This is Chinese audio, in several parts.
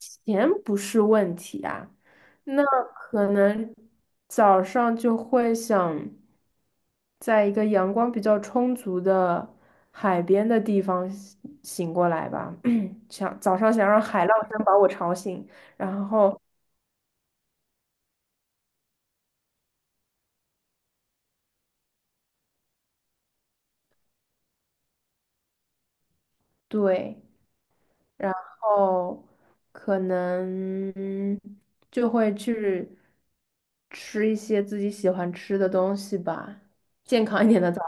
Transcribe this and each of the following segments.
钱不是问题啊，那可能早上就会想在一个阳光比较充足的海边的地方醒过来吧，想早上想让海浪声把我吵醒，然后对，然后可能就会去吃一些自己喜欢吃的东西吧，健康一点的早。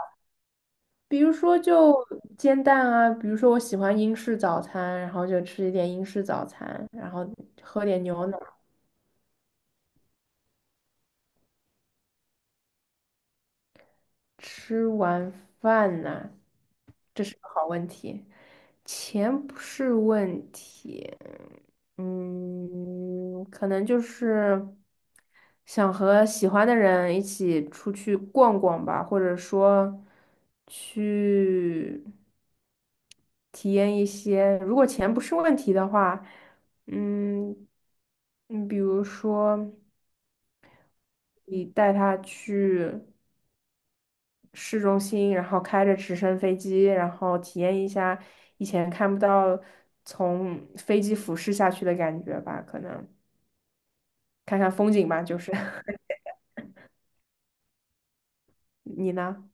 比如说就煎蛋啊，比如说我喜欢英式早餐，然后就吃一点英式早餐，然后喝点牛奶。吃完饭呢，这是个好问题，钱不是问题，嗯，可能就是想和喜欢的人一起出去逛逛吧，或者说去。体验一些，如果钱不是问题的话，嗯，比如说你带他去市中心，然后开着直升飞机，然后体验一下以前看不到从飞机俯视下去的感觉吧，可能看看风景吧，就是 你呢？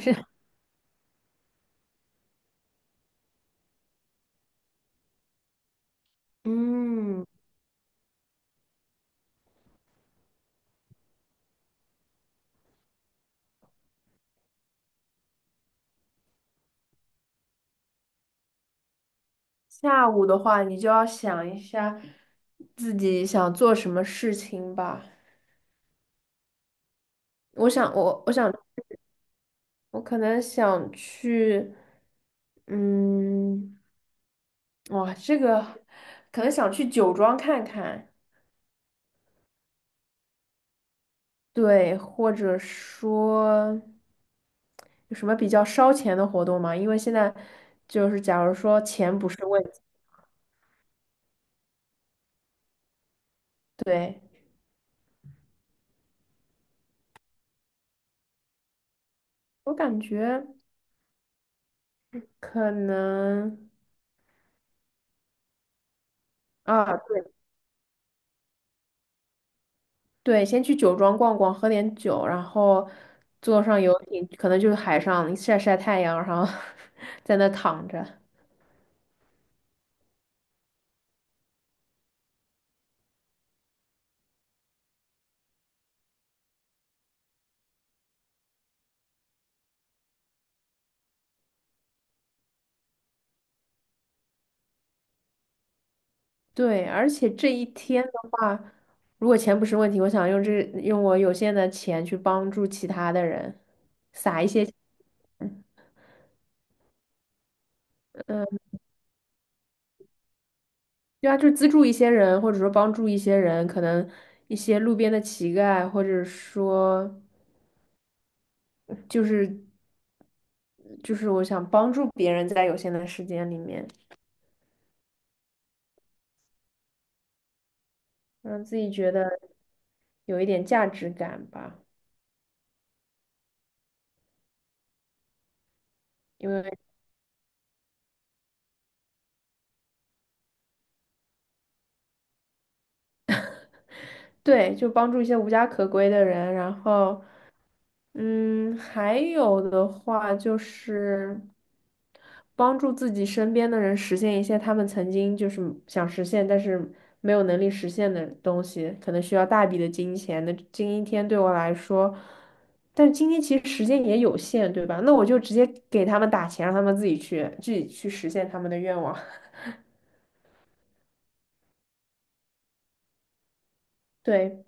就是 嗯，下午的话，你就要想一下自己想做什么事情吧。我想，我想我可能想去，嗯，哇，这个可能想去酒庄看看，对，或者说有什么比较烧钱的活动吗？因为现在就是假如说钱不是问题，对，我感觉可能啊，对对，先去酒庄逛逛，喝点酒，然后坐上游艇，可能就是海上晒晒太阳，然后 在那躺着。对，而且这一天的话，如果钱不是问题，我想用这用我有限的钱去帮助其他的人，撒一些钱，嗯，呃对啊，就资助一些人，或者说帮助一些人，可能一些路边的乞丐，或者说就是就是我想帮助别人，在有限的时间里面，让自己觉得有一点价值感吧，因为对，就帮助一些无家可归的人，然后。嗯，还有的话就是帮助自己身边的人实现一些他们曾经就是想实现，但是没有能力实现的东西，可能需要大笔的金钱。那今天对我来说，但是今天其实时间也有限，对吧？那我就直接给他们打钱，让他们自己去实现他们的愿望。对，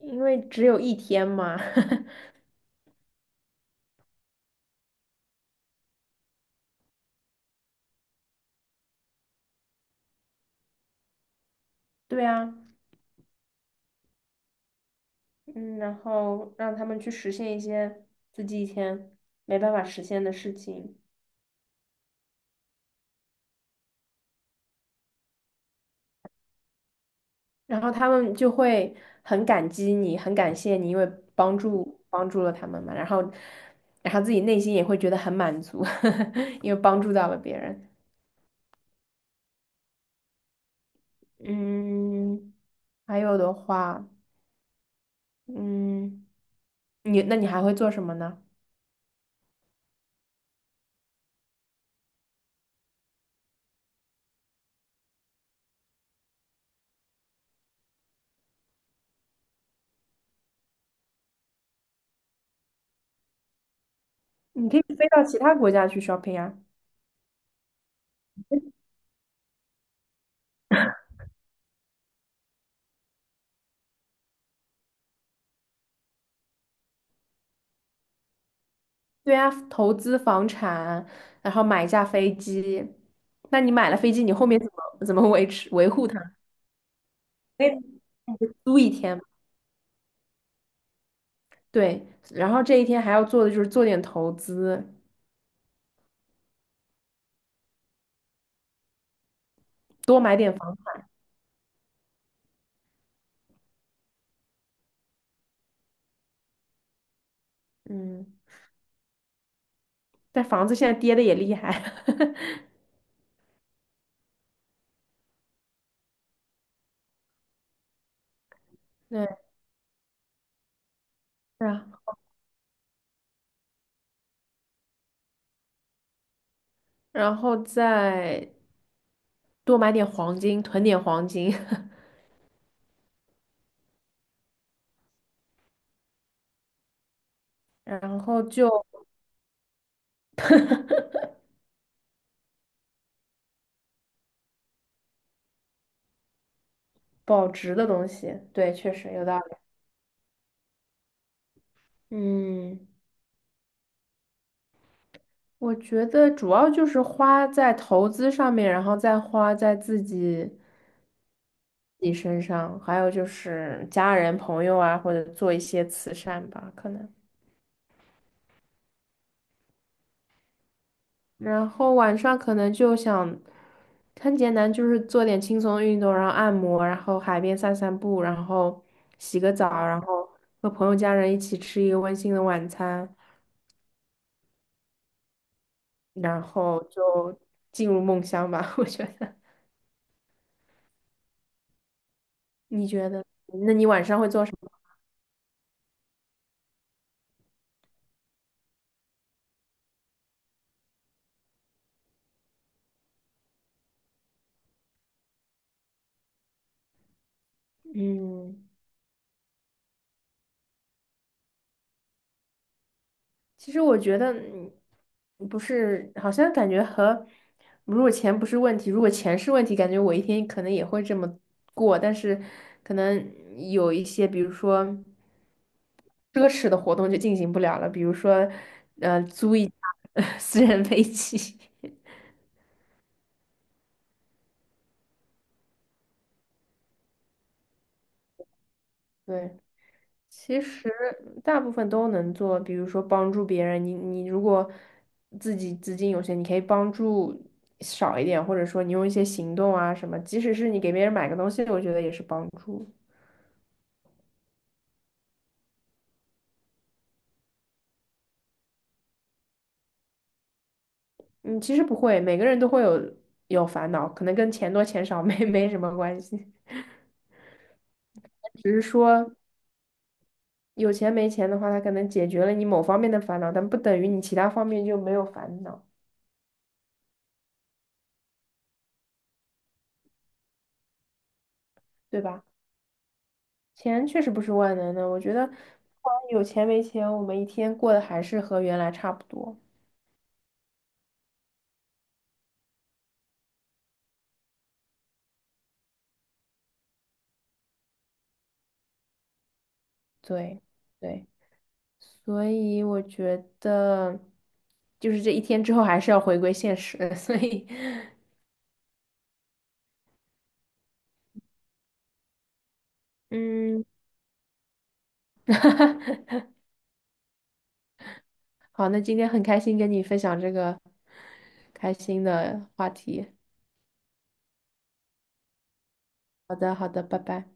因为只有一天嘛。对啊。嗯，然后让他们去实现一些自己以前没办法实现的事情，然后他们就会很感激你，很感谢你，因为帮助了他们嘛，然后自己内心也会觉得很满足，因为帮助到了别人。嗯，还有的话，嗯，你还会做什么呢？你可以飞到其他国家去 shopping 啊。对啊，投资房产，然后买一架飞机。那你买了飞机，你后面怎么维持维护它？那你就租一天嘛。对，然后这一天还要做的就是做点投资，多买点房。嗯，但房子现在跌的也厉害。对，是啊，然后再多买点黄金，囤点黄金，然后就保值的东西。对，确实有道理。嗯。我觉得主要就是花在投资上面，然后再花在自己身上，还有就是家人朋友啊，或者做一些慈善吧，可能。然后晚上可能就想，很简单，就是做点轻松的运动，然后按摩，然后海边散散步，然后洗个澡，然后和朋友家人一起吃一个温馨的晚餐，然后就进入梦乡吧，我觉得。你觉得？那你晚上会做什么？嗯。其实我觉得不是，好像感觉和如果钱不是问题，如果钱是问题，感觉我一天可能也会这么过，但是可能有一些，比如说奢侈的活动就进行不了了，比如说租一架 私人飞机，对。其实大部分都能做，比如说帮助别人，你如果自己资金有限，你可以帮助少一点，或者说你用一些行动啊什么，即使是你给别人买个东西，我觉得也是帮助。嗯，其实不会，每个人都会有烦恼，可能跟钱多钱少 没什么关系，只是说有钱没钱的话，它可能解决了你某方面的烦恼，但不等于你其他方面就没有烦恼，对吧？钱确实不是万能的，我觉得不管有钱没钱，我们一天过得还是和原来差不多。对，对，所以我觉得，就是这一天之后还是要回归现实。所以，嗯，好，那今天很开心跟你分享这个开心的话题。好的，好的，拜拜。